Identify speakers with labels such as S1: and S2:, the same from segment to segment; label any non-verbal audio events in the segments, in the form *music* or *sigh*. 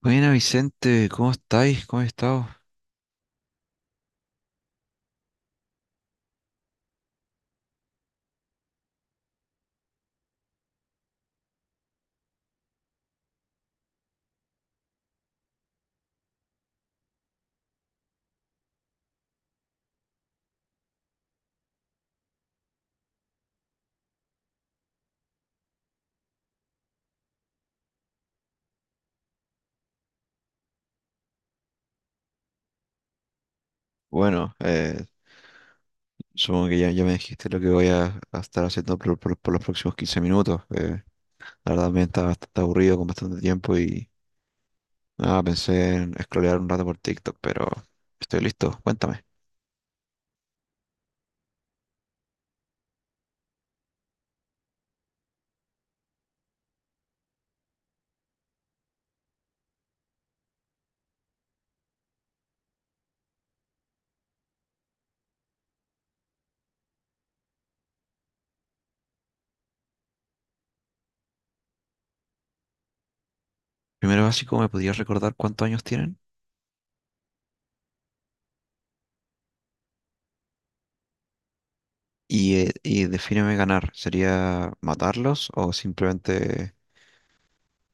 S1: Buena Vicente, ¿cómo estáis? ¿Cómo has estado? Bueno, supongo que ya me dijiste lo que voy a estar haciendo por los próximos 15 minutos. La verdad me está bastante aburrido con bastante tiempo y nada, pensé en scrollear un rato por TikTok, pero estoy listo. Cuéntame. Primero básico, ¿me podías recordar cuántos años tienen? Y defíneme ganar. ¿Sería matarlos o simplemente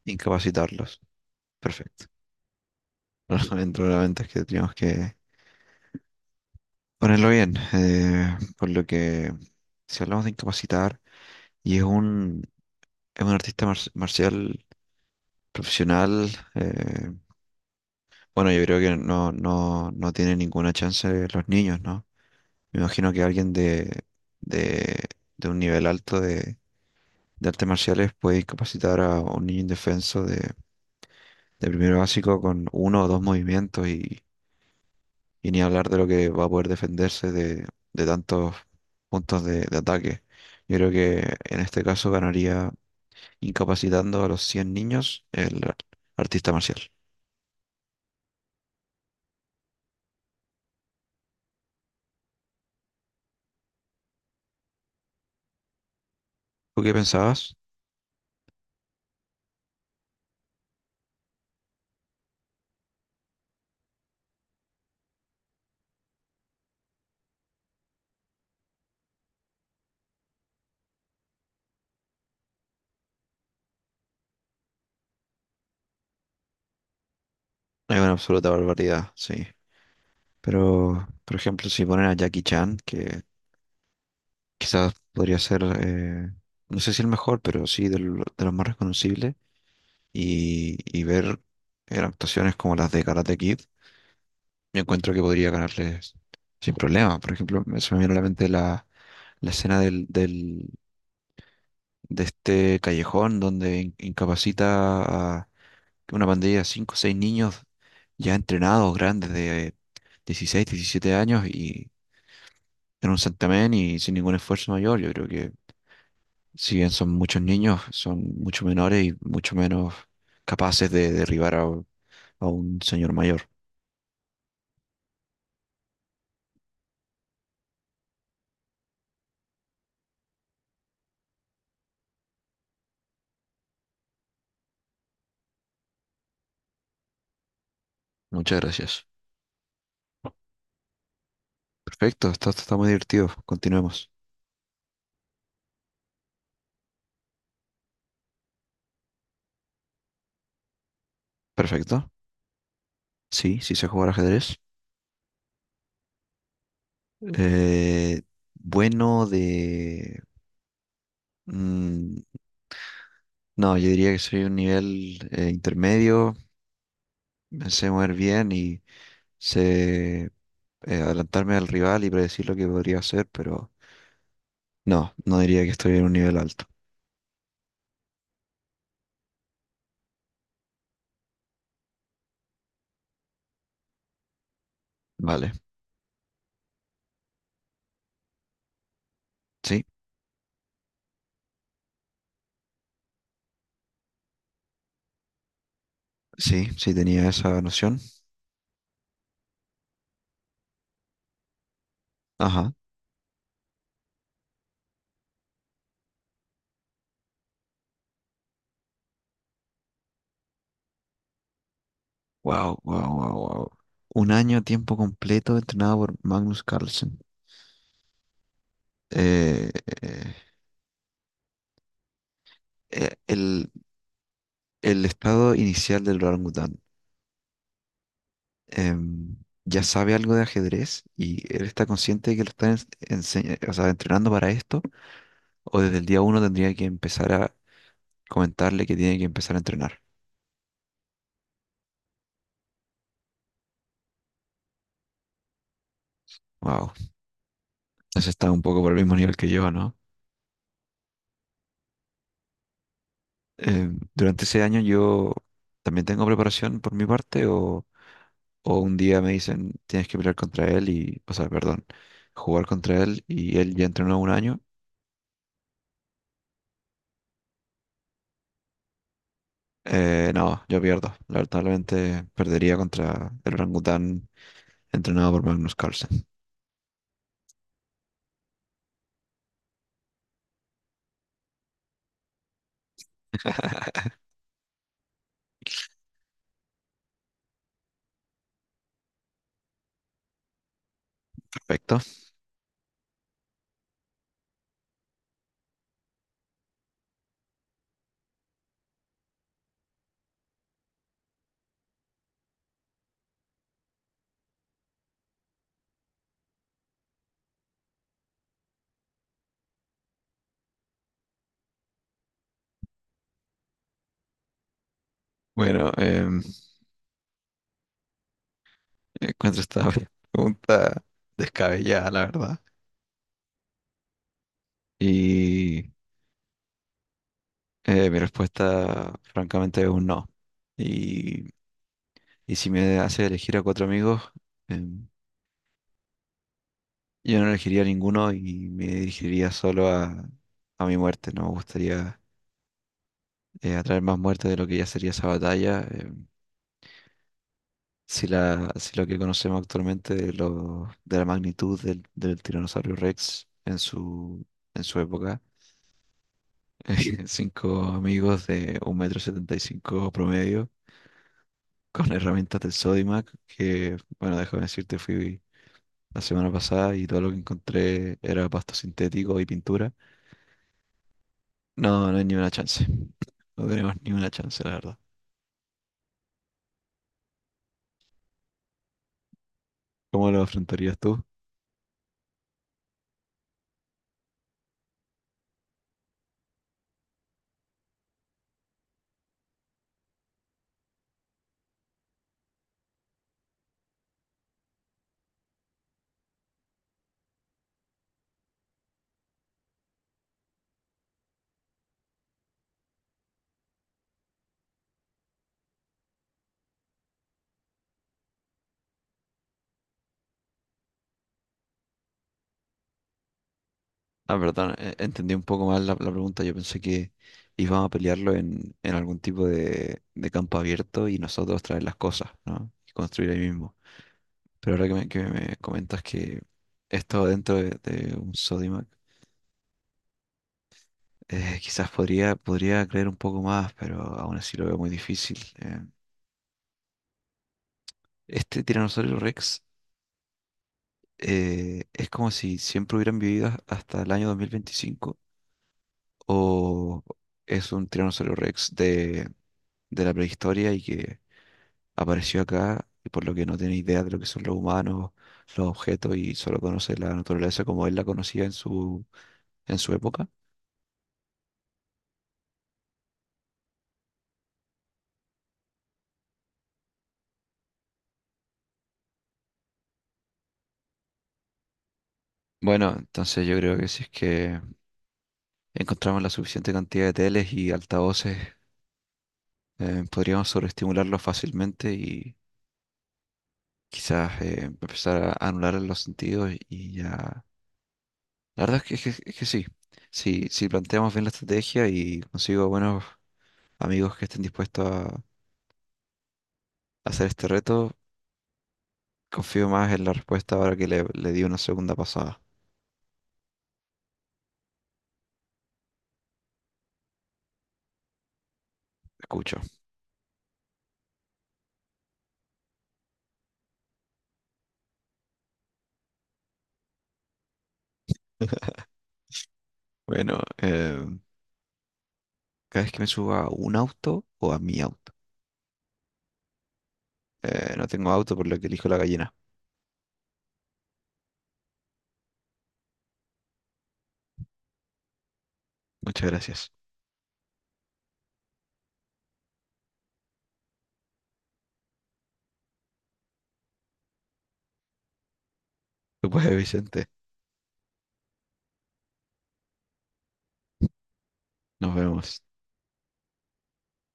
S1: incapacitarlos? Perfecto. *laughs* Dentro de la mente es que teníamos que, ponerlo bien, por lo que si hablamos de incapacitar, y es un marcial profesional, eh, bueno, yo creo que no tiene ninguna chance los niños, ¿no? Me imagino que de, de un nivel alto de artes marciales puede incapacitar a un niño indefenso de primero básico con uno o dos movimientos. Y ni hablar de lo que va a poder defenderse de tantos puntos de ataque. Yo creo que en este caso ganaría incapacitando a los 100 niños el artista marcial. ¿Tú qué pensabas? Es una absoluta barbaridad, sí. Pero, por ejemplo, si ponen a Jackie Chan, que quizás podría ser, no sé si el mejor, pero sí los más reconocibles, y ver actuaciones como las de Karate Kid. Yo encuentro que podría ganarles sin problema. Por ejemplo, se me viene a la mente la escena de este callejón donde incapacita a una pandilla de cinco o seis niños ya entrenados, grandes, de 16 17 años y en un santamén y sin ningún esfuerzo mayor. Yo creo que si bien son muchos niños, son mucho menores y mucho menos capaces de derribar a un señor mayor. Muchas gracias. Perfecto, está muy divertido. Continuemos. Perfecto. Sí, sí sé jugar ajedrez. Eh, bueno de... mm, no, yo diría que soy un nivel intermedio, me sé mover bien y sé adelantarme al rival y predecir lo que podría hacer, pero no, no diría que estoy en un nivel alto. Vale, sí, sí tenía esa noción. Ajá. Wow, wow, wow, wow. Un año a tiempo completo entrenado por Magnus Carlsen. Eh, eh, eh, el, El estado inicial del orangután. em, ya sabe algo de ajedrez y él está consciente de que lo están o sea, entrenando para esto, o desde el día uno tendría que empezar a comentarle que tiene que empezar a entrenar. Wow, eso está un poco por el mismo nivel que yo, ¿no? Em, durante ese año yo también tengo preparación por mi parte, o un día me dicen tienes que pelear contra él y, o sea, perdón, jugar contra él y él ya entrenó un año. No, yo pierdo. Lamentablemente perdería contra el orangután entrenado por Magnus Carlsen. Perfecto. Bueno, encuentro esta *laughs* pregunta descabellada, la verdad. Y mi respuesta, francamente, es un no. Y, y si me hace elegir a cuatro amigos, em, yo no elegiría a ninguno y me dirigiría solo a mi muerte. No me gustaría atraer más muerte de lo que ya sería esa batalla. Em, si, si lo que conocemos actualmente de la magnitud del tiranosaurio Rex en su época, *laughs* cinco amigos de 1,75 m promedio con herramientas del Sodimac, que, bueno, déjame decirte, fui la semana pasada y todo lo que encontré era pasto sintético y pintura. No, no hay ni una chance. No tenemos ni una chance, la verdad. ¿Cómo lo afrontarías tú? Ah, perdón, entendí un poco mal la pregunta. Yo pensé que íbamos a pelearlo en algún tipo de campo abierto y nosotros traer las cosas, ¿no? Y construir ahí mismo. Pero ahora que que me comentas que esto dentro de un Sodimac, quizás podría, podría creer un poco más, pero aún así lo veo muy difícil. Este Tiranosaurio Rex es como si siempre hubieran vivido hasta el año 2025 o es un Tiranosaurio Rex de la prehistoria y que apareció acá y por lo que no tiene idea de lo que son los humanos, los objetos y solo conoce la naturaleza como él la conocía en su época. Bueno, entonces yo creo que si es que encontramos la suficiente cantidad de teles y altavoces, podríamos sobreestimularlos fácilmente y quizás empezar a anular los sentidos y ya... La verdad es que, es que sí, si, si planteamos bien la estrategia y consigo buenos amigos que estén dispuestos a hacer este reto, confío más en la respuesta ahora que le di una segunda pasada. Escucho. *laughs* Bueno, cada vez que me suba a un auto o a mi auto. No tengo auto por lo que elijo la gallina. Muchas gracias. Tú puedes, Vicente. Nos vemos.